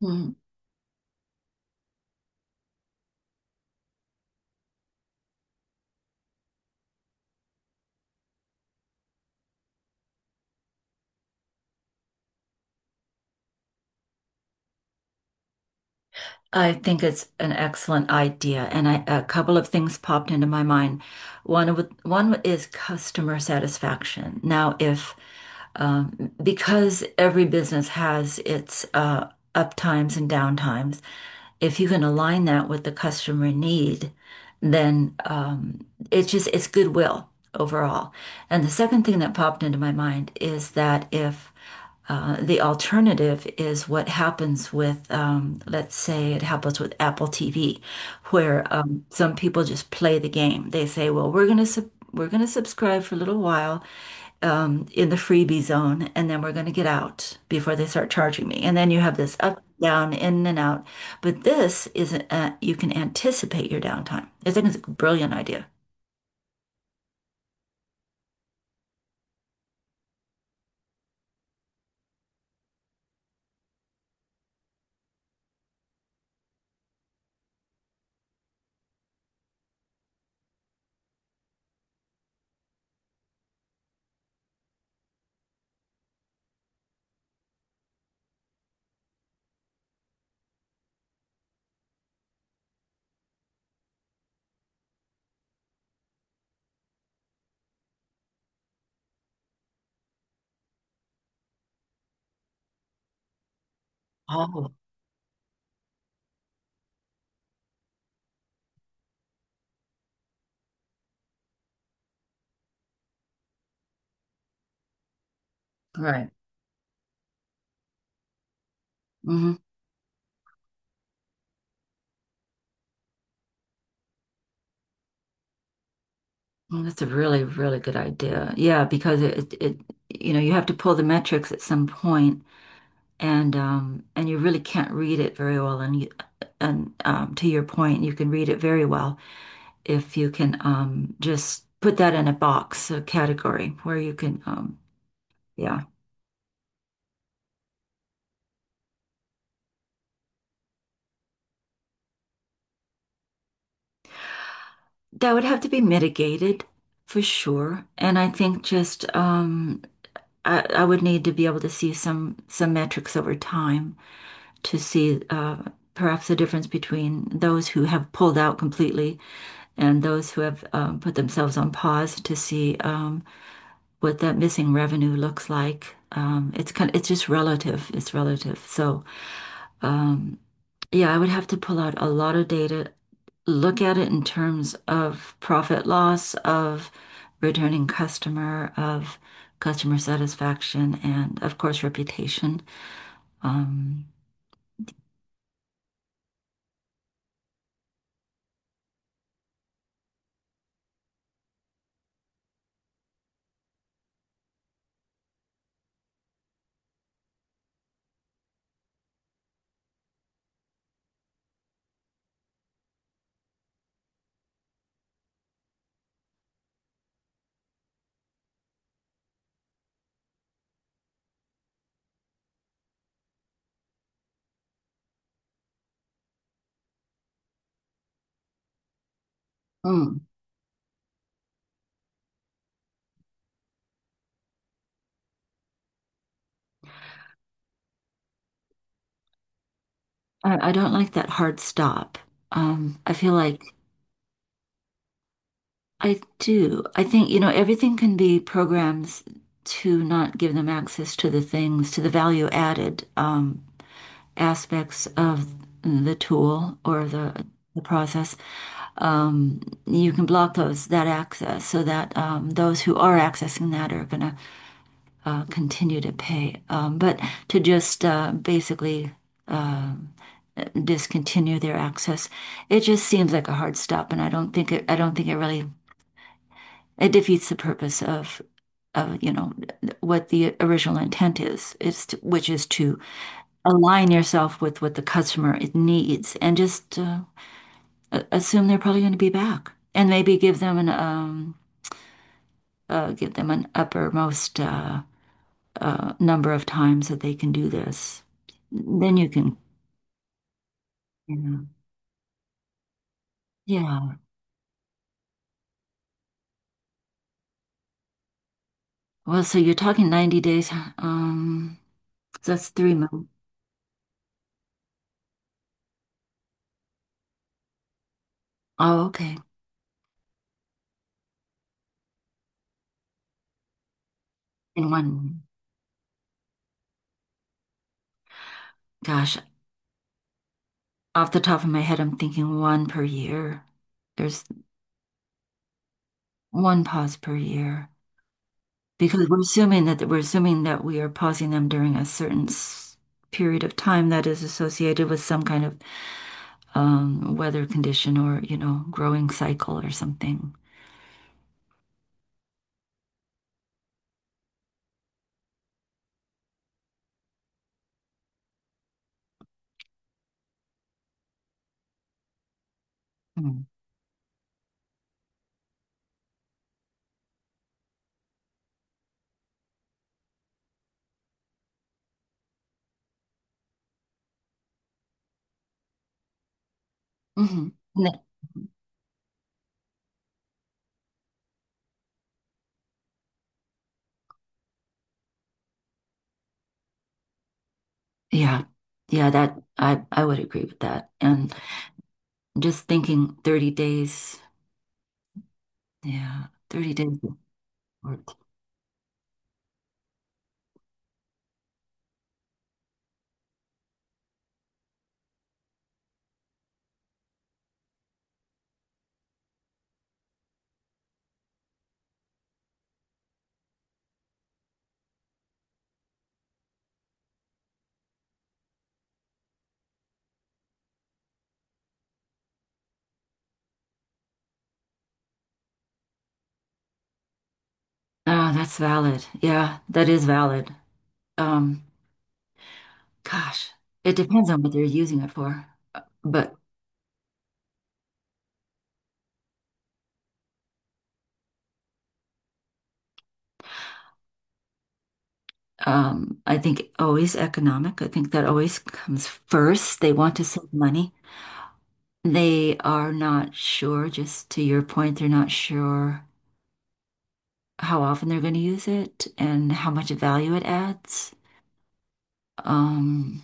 Mm. I think it's an excellent idea, a couple of things popped into my mind. One is customer satisfaction. Now, if because every business has its up times and down times, if you can align that with the customer need, then it's just it's goodwill overall. And the second thing that popped into my mind is that if the alternative is what happens with, let's say it happens with Apple TV, where some people just play the game. They say, well, we're going to subscribe for a little while in the freebie zone, and then we're going to get out before they start charging me. And then you have this up, down, in and out. But this is you can anticipate your downtime. I think it's like a brilliant idea. Oh, right. Mhm. Well, that's a really, really good idea. Yeah, because you know, you have to pull the metrics at some point, and and you really can't read it very well. And to your point, you can read it very well if you can just put that in a box, a category where you can. Yeah, that would have to be mitigated for sure. And I think I would need to be able to see some metrics over time to see perhaps the difference between those who have pulled out completely and those who have put themselves on pause to see what that missing revenue looks like. It's just relative. It's relative. So um, yeah, I would have to pull out a lot of data, look at it in terms of profit loss, of returning customer, of customer satisfaction, and of course reputation. Um, mm. I don't like that hard stop. I feel like I do. I think, you know, everything can be programs to not give them access to the things, to the value added aspects of the tool or the process. Um, you can block those that access so that those who are accessing that are going to continue to pay. But to just basically uh, discontinue their access. It just seems like a hard stop, and I don't think it. I don't think it really it defeats the purpose of you know what the original intent is. It's to, which is to align yourself with what the customer needs, and just assume they're probably going to be back, and maybe give them an uppermost number of times that they can do this. Then you can, you know, yeah. Well, so you're talking 90 days. Um, That's 3 months. Oh, okay. In one. Gosh, off the top of my head, I'm thinking one per year. There's one pause per year because we're assuming that we are pausing them during a certain period of time that is associated with some kind of weather condition or, you know, growing cycle or something. Mm. Hmm. Yeah. Yeah, that I would agree with that. And just thinking 30 days. Yeah, 30 days of work. Ah, that's valid. Yeah, that is valid. Um, gosh, it depends on what they're using it for. But I think always economic. I think that always comes first. They want to save money. They are not sure, just to your point, they're not sure how often they're going to use it and how much value it adds. Um,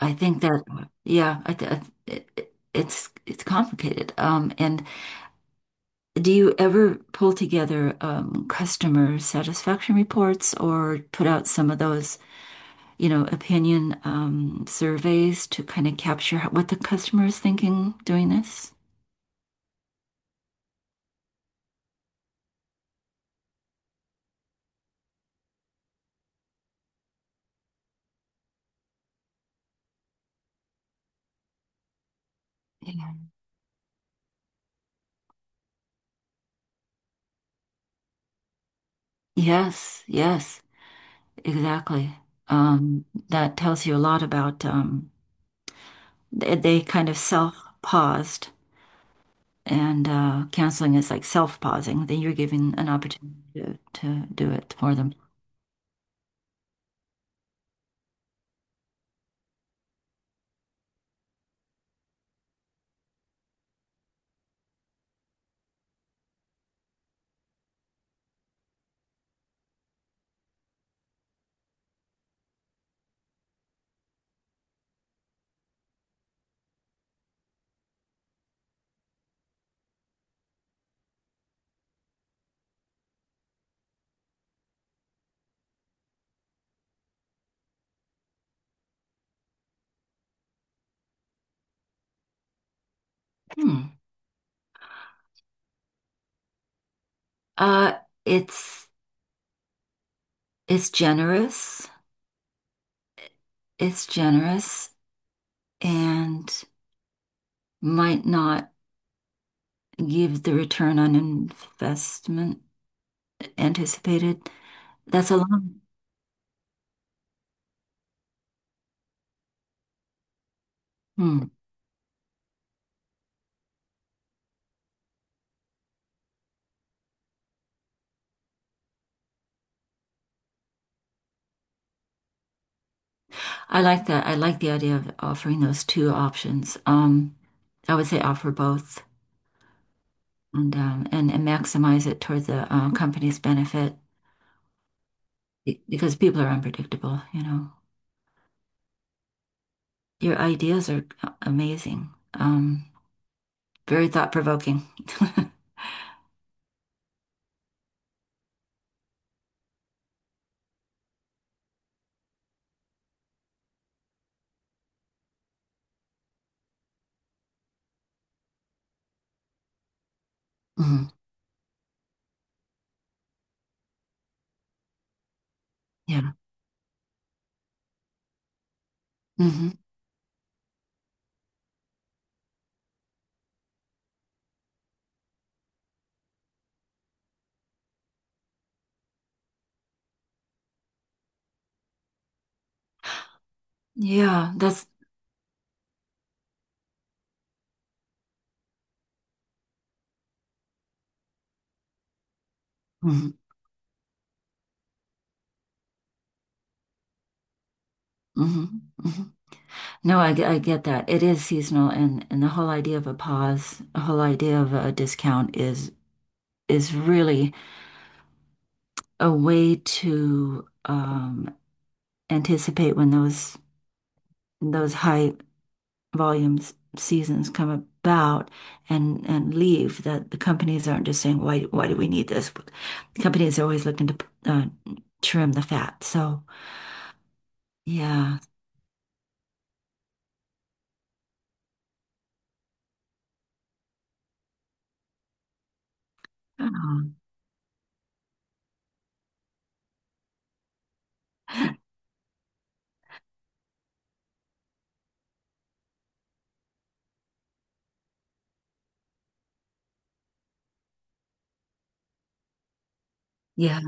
I think that, yeah, I th- it- it's complicated. And do you ever pull together customer satisfaction reports or put out some of those? You know, opinion surveys to kind of capture how, what the customer is thinking doing this. Yeah. Yes, yes, exactly. That tells you a lot about they kind of self-paused and canceling is like self-pausing. Then you're giving an opportunity to do it for them. Hmm. Uh, it's it's generous. It's generous and might not give the return on investment anticipated. That's a long. Hmm. I like that. I like the idea of offering those two options. I would say offer both and and maximize it toward the company's benefit because people are unpredictable, you know. Your ideas are amazing. Very thought-provoking. Mhm. Yeah. Hmm. Yeah, that's hmm. Hmm. Hmm. No, I get that. It is seasonal and the whole idea of a pause, the whole idea of a discount is really a way to anticipate when those high volumes seasons come about and leave that the companies aren't just saying why do we need this? The Companies are always looking to uh, trim the fat. So, yeah. Um, yeah.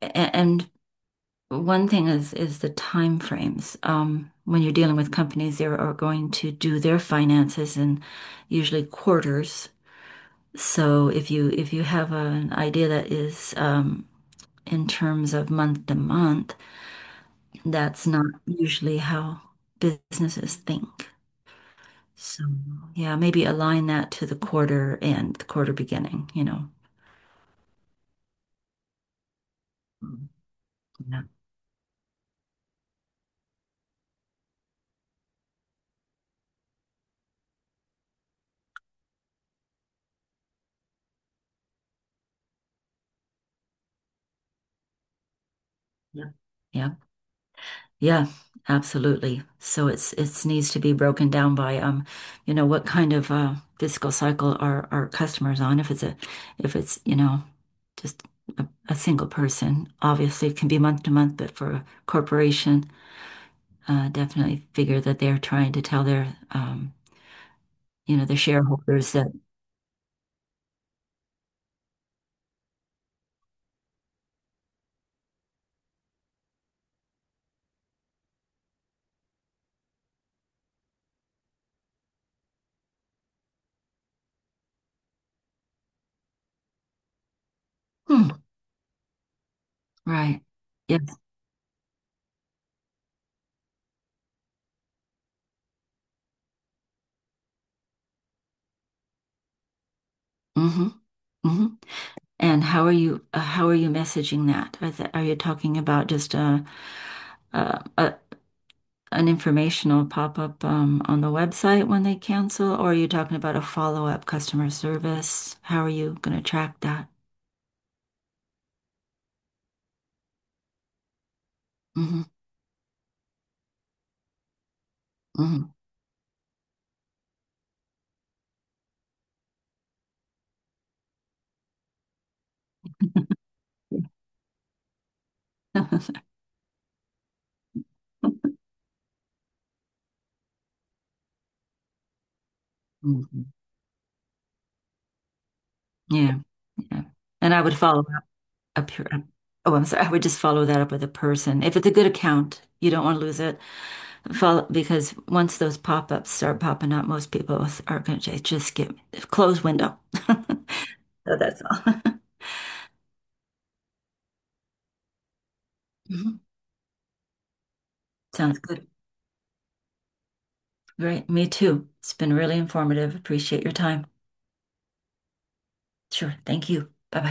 And, one thing is the time frames. When you're dealing with companies, they are going to do their finances in usually quarters. So if you have an idea that is in terms of month to month, that's not usually how businesses think. So yeah, maybe align that to the quarter and the quarter beginning, you know. Mm, yeah. Yeah. Yeah. Yeah, absolutely. So it's needs to be broken down by you know, what kind of fiscal cycle are our customers on? If it's, you know, just a single person, obviously it can be month to month, but for a corporation, definitely figure that they're trying to tell their you know, their shareholders that hmm, right. Yes. Mm-hmm. Mm-hmm. And how are you messaging that? Is that, are you talking about just uh, uh, an informational pop-up on the website when they cancel, or are you talking about a follow-up customer service? How are you going to track that? Hmm. Hmm. Mhm. Yeah, yeah. And I would follow up, up here. Oh, I'm sorry. I would just follow that up with a person. If it's a good account, you don't want to lose it. Follow because once those pop-ups start popping up, most people are going to just get close window. So that's all. Mhm. Sounds good. Right. Me too. It's been really informative. Appreciate your time. Sure. Thank you. Bye bye.